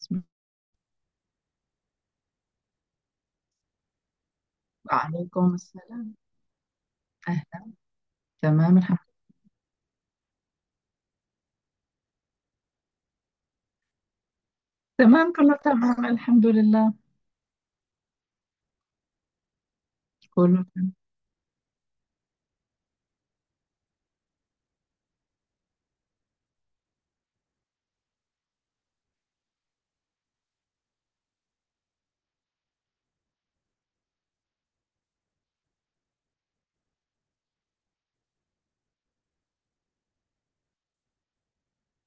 اسم- وعليكم السلام. أهلا. تمام الحمد تمام، كله تمام. الحمد لله، كله تمام.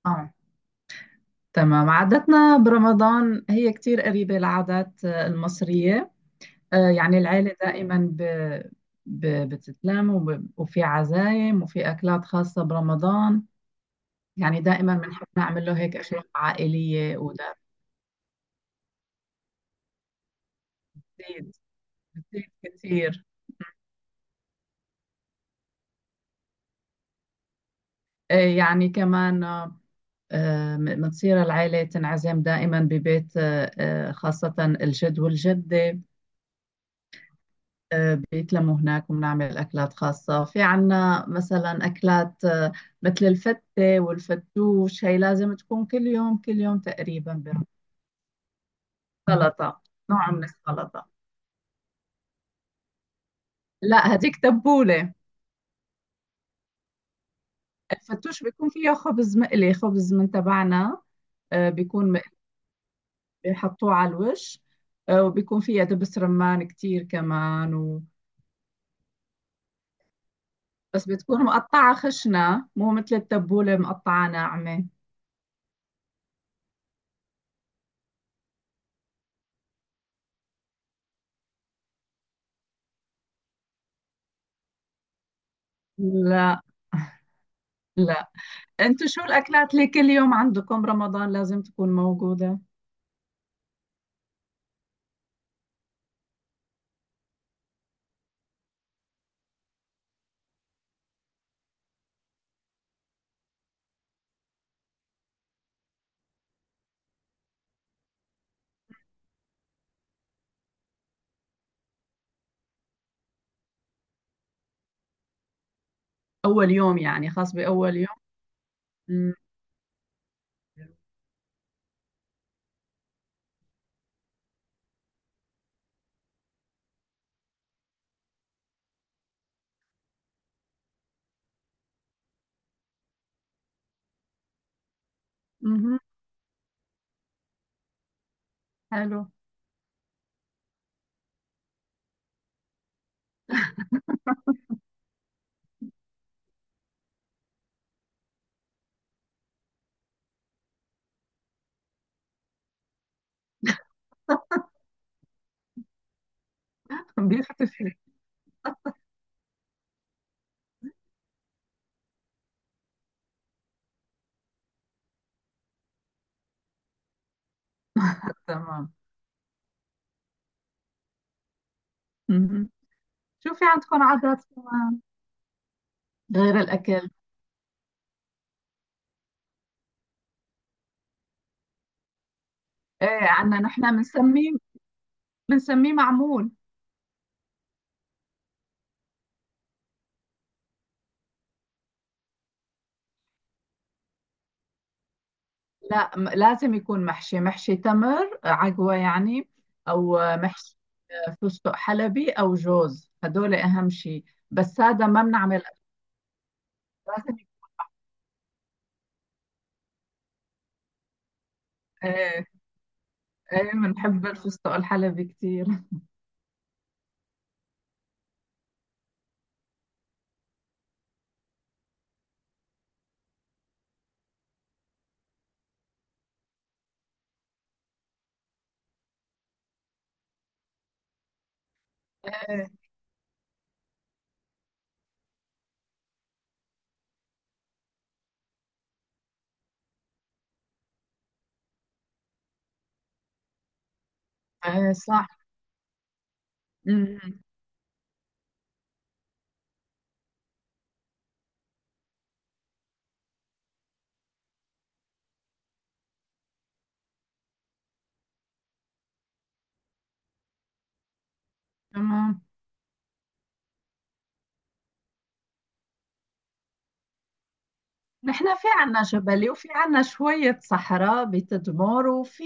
آه، تمام. عاداتنا برمضان هي كتير قريبة العادات المصرية. يعني العيلة دائما بتتلم، وفي عزايم وفي أكلات خاصة برمضان. يعني دائما بنحب نعمل له هيك أشياء عائلية وده. بتزيد، بتزيد كتير. يعني كمان، بتصير العائلة تنعزم دائما ببيت خاصة الجد والجدة. بيتلموا هناك، وبنعمل أكلات خاصة. في عنا مثلا أكلات مثل الفتة والفتوش، هي لازم تكون كل يوم كل يوم تقريبا برمضان. سلطة، نوع من السلطة. لا، هديك تبولة. الفتوش بيكون فيه خبز مقلي، خبز من تبعنا بيكون مقلي، بيحطوه على الوش. وبيكون فيها دبس رمان كتير كمان. بس بتكون مقطعة خشنة، مو مثل التبولة مقطعة ناعمة. لا، لا. انتو شو الأكلات اللي كل يوم عندكم رمضان لازم تكون موجودة؟ أول يوم، يعني خاص بأول يوم. مم. مهم. حلو. بيختفي. تمام. مهم. شو في عندكم عادات كمان غير الأكل؟ ايه، عنا نحن بنسميه، بنسميه معمول. لا، لازم يكون محشي، محشي تمر عجوة يعني، أو محشي فستق حلبي او جوز، هدول اهم شيء، بس هذا ما بنعمل. لازم يكون- ايه. ايه، بنحب الفستق الحلبي كثير. ايه، ايه صح. أمم. تمام. نحن في عنا جبلي وفي عنا شوية صحراء بتدمر، وفي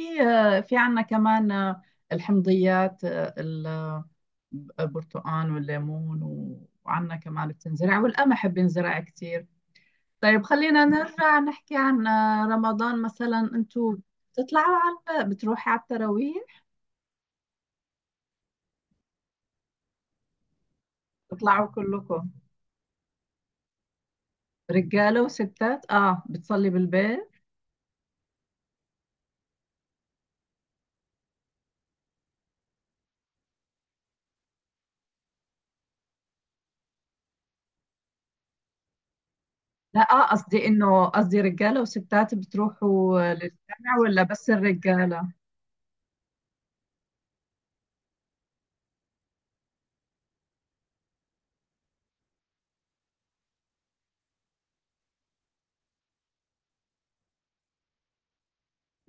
في عنا كمان الحمضيات، البرتقال والليمون، وعنا كمان بتنزرع، والقمح بينزرع كتير. طيب خلينا نرجع نحكي عن رمضان. مثلا انتوا بتطلعوا على بتروحوا على التراويح؟ بتطلعوا كلكم رجاله وستات، اه بتصلي بالبيت؟ لا اه، قصدي رجاله وستات بتروحوا للجامع ولا بس الرجاله؟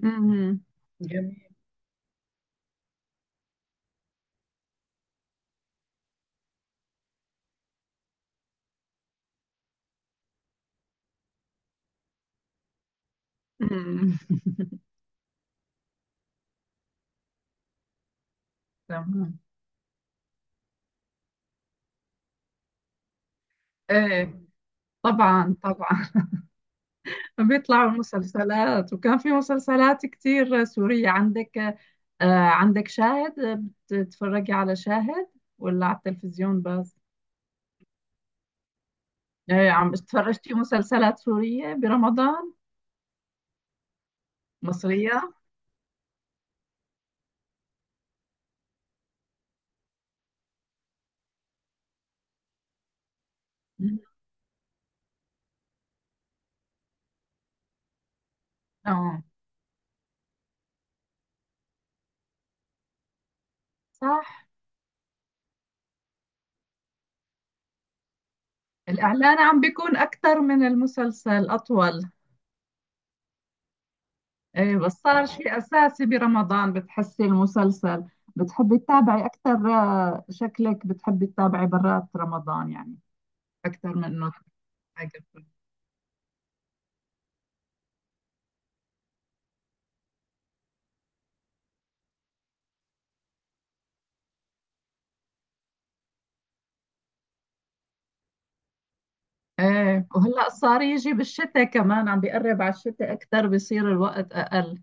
امم جميل. امم تمام. ايه، طبعا طبعا. بيطلعوا مسلسلات، وكان في مسلسلات كتير سورية. عندك عندك شاهد؟ بتتفرجي على شاهد ولا على التلفزيون بس؟ عم تفرجتي مسلسلات سورية برمضان؟ مصرية. مم. اه صح. الإعلان عم بيكون أكثر من المسلسل، أطول. إيه، بس صار شيء أساسي برمضان، بتحسي المسلسل بتحبي تتابعي أكثر، شكلك بتحبي تتابعي برات رمضان يعني أكثر من إنه حاجة. ايه، وهلا صار يجي بالشتاء كمان، عم بيقرب على الشتاء، اكثر بيصير الوقت اقل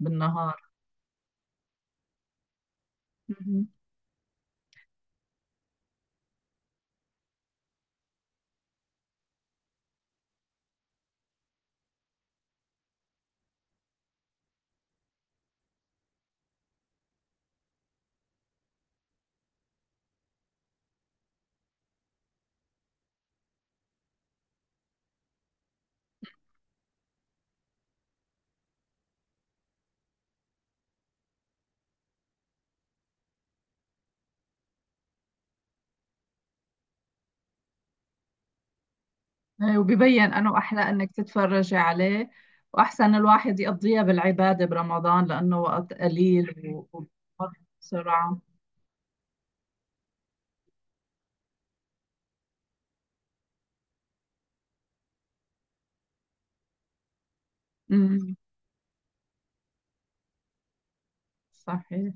بالنهار. مهم. ايه، وبيبين انه احلى انك تتفرجي عليه، واحسن الواحد يقضيها بالعبادة برمضان لانه وقت قليل ومر بسرعة. امم صحيح.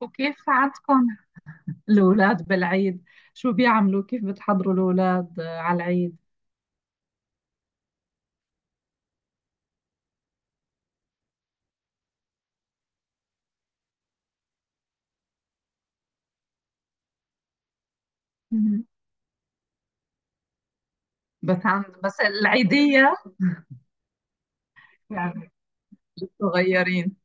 وكيف عندكم الاولاد بالعيد؟ شو بيعملوا، كيف بتحضروا الاولاد على العيد؟ مهم. بس عن بس العيدية يعني. صغيرين.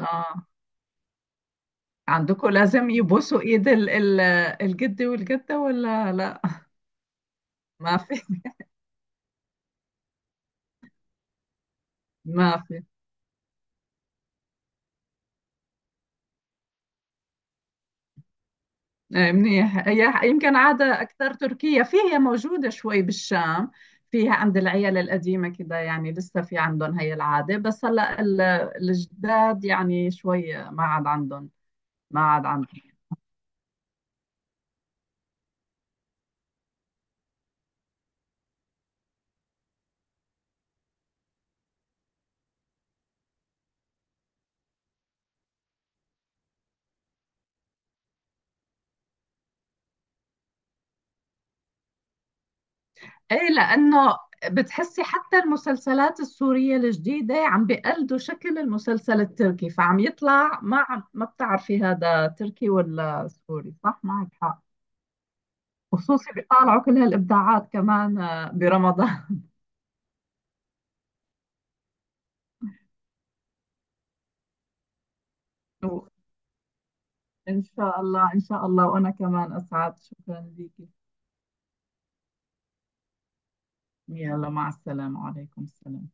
اه، عندكم لازم يبوسوا ايد الجد والجدة ولا لا؟ ما في. ما في. إيه، منيح. هي يمكن عادة أكثر تركية، فيها موجودة شوي بالشام، فيها عند العيال القديمة كده، يعني لسه في عندهم هي العادة، بس هلا الجداد يعني شوي ما عاد عندهم، ما عاد عندهم. ايه، لانه بتحسي حتى المسلسلات السورية الجديدة عم بيقلدوا شكل المسلسل التركي، فعم يطلع، ما عم ما بتعرفي هذا تركي ولا سوري. صح معك حق. خصوصي بيطلعوا كل هالابداعات كمان برمضان. ان شاء الله، ان شاء الله. وانا كمان اسعد، شكرا ليكي. يلا مع السلامة، وعليكم السلام.